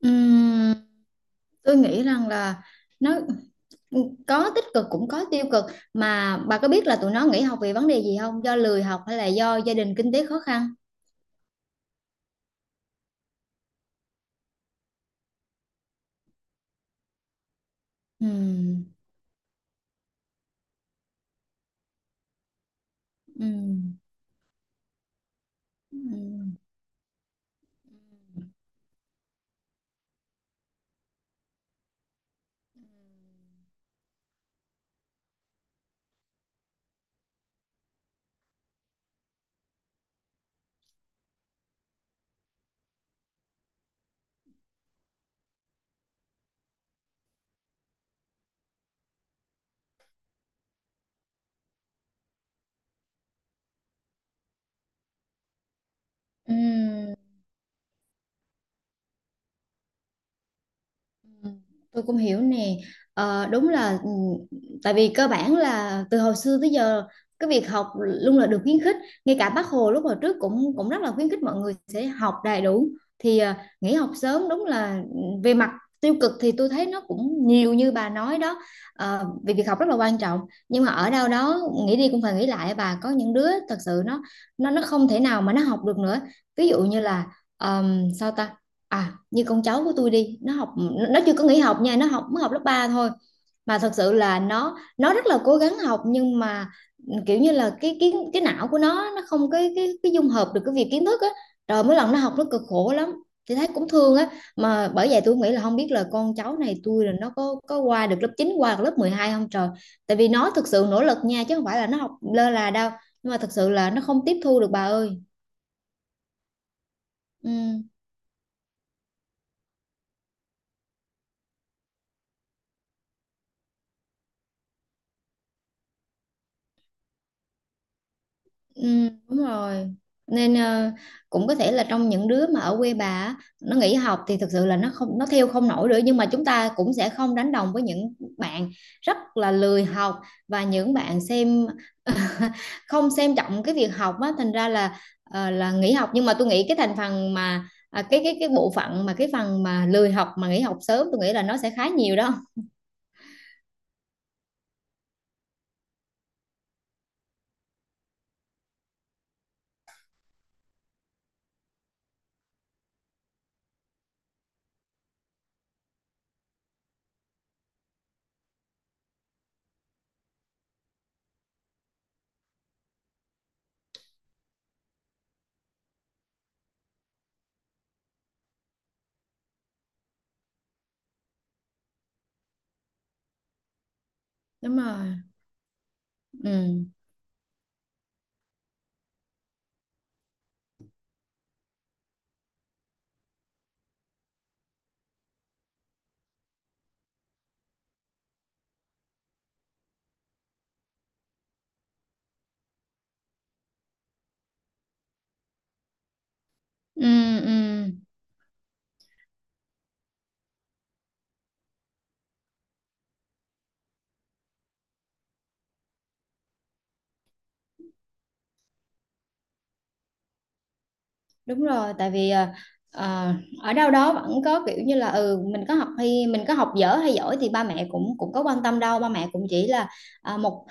Ừm, tôi nghĩ rằng là nó có tích cực cũng có tiêu cực, mà bà có biết là tụi nó nghỉ học vì vấn đề gì không? Do lười học hay là do gia đình kinh tế khó khăn? Ừm, ừm, ừm, ừm, ừm. Ừ, tôi cũng hiểu nè. Ờ, đúng là tại vì cơ bản là từ hồi xưa tới giờ, cái việc học luôn là được khuyến khích, ngay cả bác Hồ lúc hồi trước cũng cũng rất là khuyến khích mọi người sẽ học đầy đủ. Thì nghỉ học sớm đúng là về mặt tiêu cực thì tôi thấy nó cũng nhiều như bà nói đó. Ờ, vì việc học rất là quan trọng, nhưng mà ở đâu đó nghĩ đi cũng phải nghĩ lại bà, có những đứa thật sự nó nó không thể nào mà nó học được nữa. Ví dụ như là sao ta, à như con cháu của tôi đi, nó học nó chưa có nghỉ học nha, nó học mới học lớp 3 thôi, mà thật sự là nó rất là cố gắng học, nhưng mà kiểu như là cái não của nó không cái cái dung hợp được cái việc kiến thức á, rồi mỗi lần nó học nó cực khổ lắm. Thì thấy cũng thương á, mà bởi vậy tôi nghĩ là không biết là con cháu này tôi là nó có qua được lớp chín, qua được lớp 12 không trời. Tại vì nó thực sự nỗ lực nha, chứ không phải là nó học lơ là đâu, nhưng mà thật sự là nó không tiếp thu được bà ơi. Ừ. Ừ, đúng rồi. Nên cũng có thể là trong những đứa mà ở quê bà á, nó nghỉ học thì thực sự là nó không, nó theo không nổi nữa, nhưng mà chúng ta cũng sẽ không đánh đồng với những bạn rất là lười học và những bạn xem không xem trọng cái việc học á, thành ra là là nghỉ học. Nhưng mà tôi nghĩ cái thành phần mà cái bộ phận mà cái phần mà lười học mà nghỉ học sớm, tôi nghĩ là nó sẽ khá nhiều đó. Đúng rồi. ừ ừ ừ Đúng rồi, tại vì à, ở đâu đó vẫn có kiểu như là ừ, mình có học hay mình có học dở hay giỏi thì ba mẹ cũng cũng có quan tâm đâu, ba mẹ cũng chỉ là à, một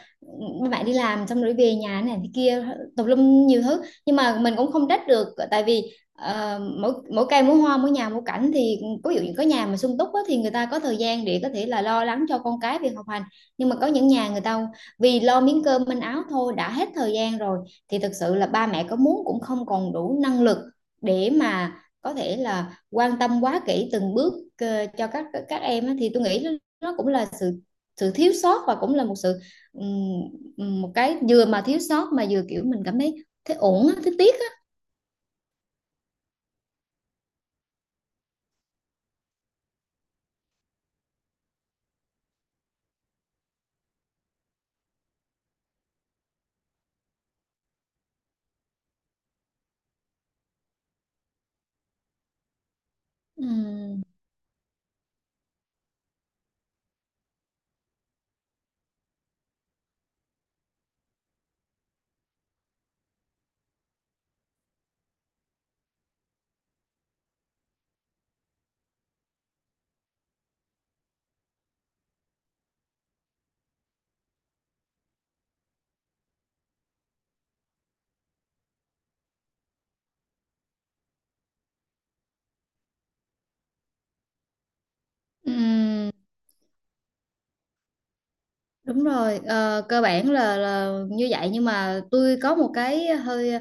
ba mẹ đi làm xong rồi về nhà này thế kia, tùm lum nhiều thứ. Nhưng mà mình cũng không trách được, tại vì mỗi mỗi cây mỗi hoa, mỗi nhà mỗi cảnh. Thì ví dụ như có nhà mà sung túc á, thì người ta có thời gian để có thể là lo lắng cho con cái việc học hành. Nhưng mà có những nhà người ta vì lo miếng cơm manh áo thôi đã hết thời gian rồi, thì thực sự là ba mẹ có muốn cũng không còn đủ năng lực để mà có thể là quan tâm quá kỹ từng bước cho các em á. Thì tôi nghĩ nó cũng là sự, sự thiếu sót, và cũng là một sự ừm, một cái vừa mà thiếu sót mà vừa kiểu mình cảm thấy thấy uổng á, thấy tiếc á. Ừm, ừm. Đúng rồi, ờ, cơ bản là như vậy, nhưng mà tôi có một cái hơi,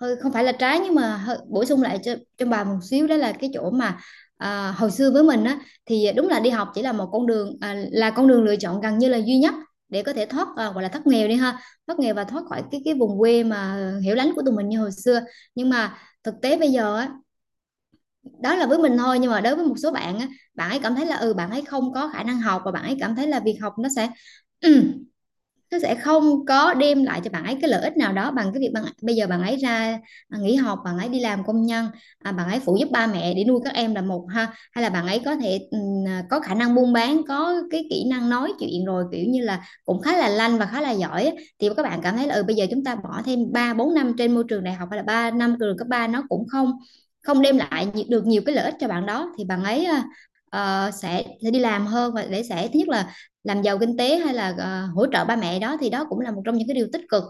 hơi không phải là trái, nhưng mà hơi bổ sung lại cho bà một xíu, đó là cái chỗ mà hồi xưa với mình á, thì đúng là đi học chỉ là một con đường, là con đường lựa chọn gần như là duy nhất để có thể thoát, gọi là thoát nghèo đi ha, thoát nghèo và thoát khỏi cái vùng quê mà hiểu lánh của tụi mình như hồi xưa. Nhưng mà thực tế bây giờ á, đó là với mình thôi, nhưng mà đối với một số bạn á, bạn ấy cảm thấy là ừ, bạn ấy không có khả năng học, và bạn ấy cảm thấy là việc học nó sẽ nó sẽ không có đem lại cho bạn ấy cái lợi ích nào đó bằng cái việc bây giờ bạn ấy ra nghỉ học, bạn ấy đi làm công nhân, bạn ấy phụ giúp ba mẹ để nuôi các em là một ha, hay là bạn ấy có thể có khả năng buôn bán, có cái kỹ năng nói chuyện, rồi kiểu như là cũng khá là lanh và khá là giỏi. Thì các bạn cảm thấy là ừ, bây giờ chúng ta bỏ thêm 3 4 năm trên môi trường đại học, hay là 3 năm trường cấp ba, nó cũng không không đem lại được nhiều cái lợi ích cho bạn đó, thì bạn ấy sẽ đi làm hơn, và để sẽ thứ nhất là làm giàu kinh tế, hay là hỗ trợ ba mẹ đó, thì đó cũng là một trong những cái điều tích cực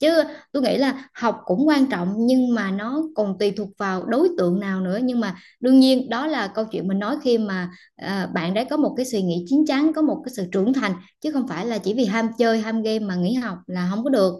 chứ. Tôi nghĩ là học cũng quan trọng, nhưng mà nó còn tùy thuộc vào đối tượng nào nữa. Nhưng mà đương nhiên đó là câu chuyện mình nói khi mà bạn đấy có một cái suy nghĩ chín chắn, có một cái sự trưởng thành, chứ không phải là chỉ vì ham chơi ham game mà nghỉ học là không có được.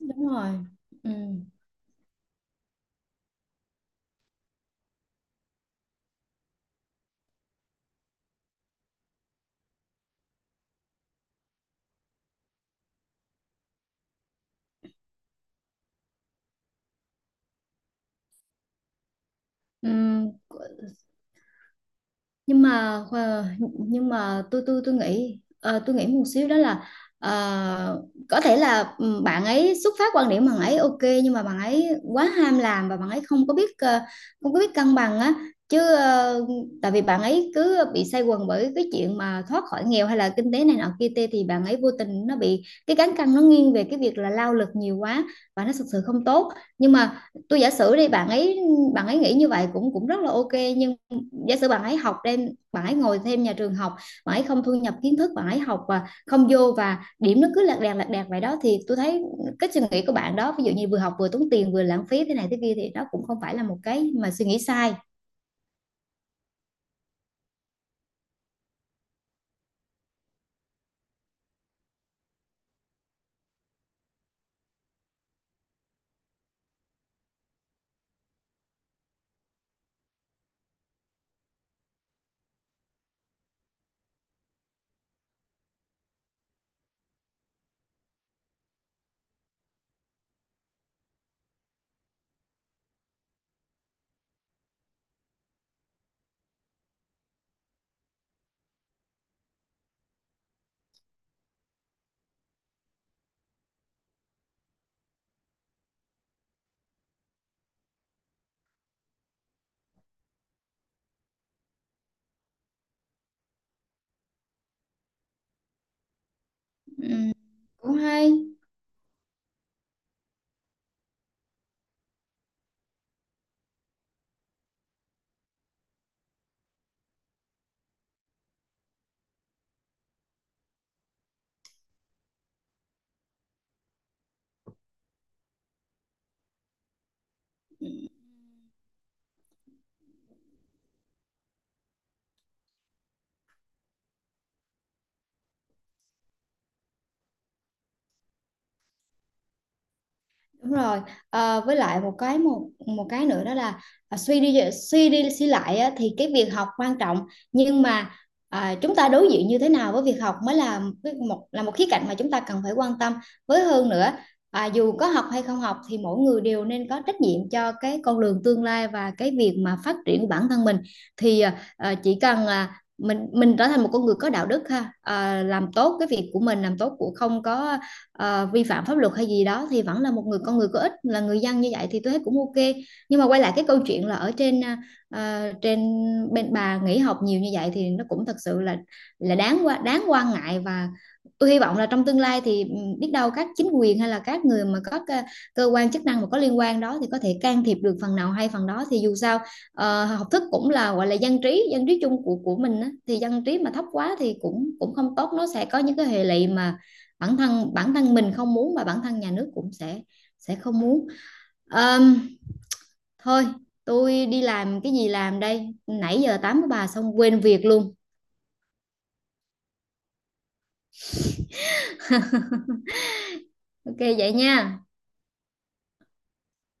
Đúng rồi. Ừ. Ừ. Nhưng mà nhưng mà tôi nghĩ, tôi nghĩ một xíu đó là ờ, có thể là ừ, bạn ấy xuất phát quan điểm bạn ấy ok, nhưng mà bạn ấy quá ham làm, và bạn ấy không có biết không có biết cân bằng á, chứ tại vì bạn ấy cứ bị say quần bởi cái chuyện mà thoát khỏi nghèo hay là kinh tế này nọ kia tê, thì bạn ấy vô tình nó bị cái cán cân nó nghiêng về cái việc là lao lực nhiều quá, và nó thực sự không tốt. Nhưng mà tôi giả sử đi, bạn ấy nghĩ như vậy cũng cũng rất là ok, nhưng giả sử bạn ấy học đem, bạn ấy ngồi thêm nhà trường học, bạn ấy không thu nhập kiến thức, bạn ấy học và không vô, và điểm nó cứ lạc đàn vậy đó, thì tôi thấy cái suy nghĩ của bạn đó, ví dụ như vừa học vừa tốn tiền vừa lãng phí thế này thế kia, thì đó cũng không phải là một cái mà suy nghĩ sai. Ừm, cũng hay. Đúng rồi. Ờ, với lại một cái một một cái nữa đó là à, suy đi suy đi suy lại á, thì cái việc học quan trọng, nhưng mà chúng ta đối diện như thế nào với việc học mới là cái- một là một khía cạnh mà chúng ta cần phải quan tâm. Với hơn nữa dù có học hay không học thì mỗi người đều nên có trách nhiệm cho cái con đường tương lai và cái việc mà phát triển của bản thân mình. Thì chỉ cần mình trở thành một con người có đạo đức ha, làm tốt cái việc của mình, làm tốt của không có vi phạm pháp luật hay gì đó, thì vẫn là một người con người có ích, là người dân như vậy, thì tôi thấy cũng ok. Nhưng mà quay lại cái câu chuyện là ở trên, trên bên bà nghỉ học nhiều như vậy, thì nó cũng thật sự là đáng quan ngại, và tôi hy vọng là trong tương lai thì ừ, biết đâu các chính quyền hay là các người mà có cơ quan chức năng mà có liên quan đó, thì có thể can thiệp được phần nào hay phần đó. Thì dù sao học thức cũng là gọi là dân trí, dân trí chung của mình á. Thì dân trí mà thấp quá thì cũng cũng không tốt, nó sẽ có những cái hệ lụy mà bản thân mình không muốn, và bản thân nhà nước cũng sẽ không muốn. Ờm, thôi, tôi đi làm, cái gì làm đây, nãy giờ tám của bà xong quên việc luôn. Ok vậy nha.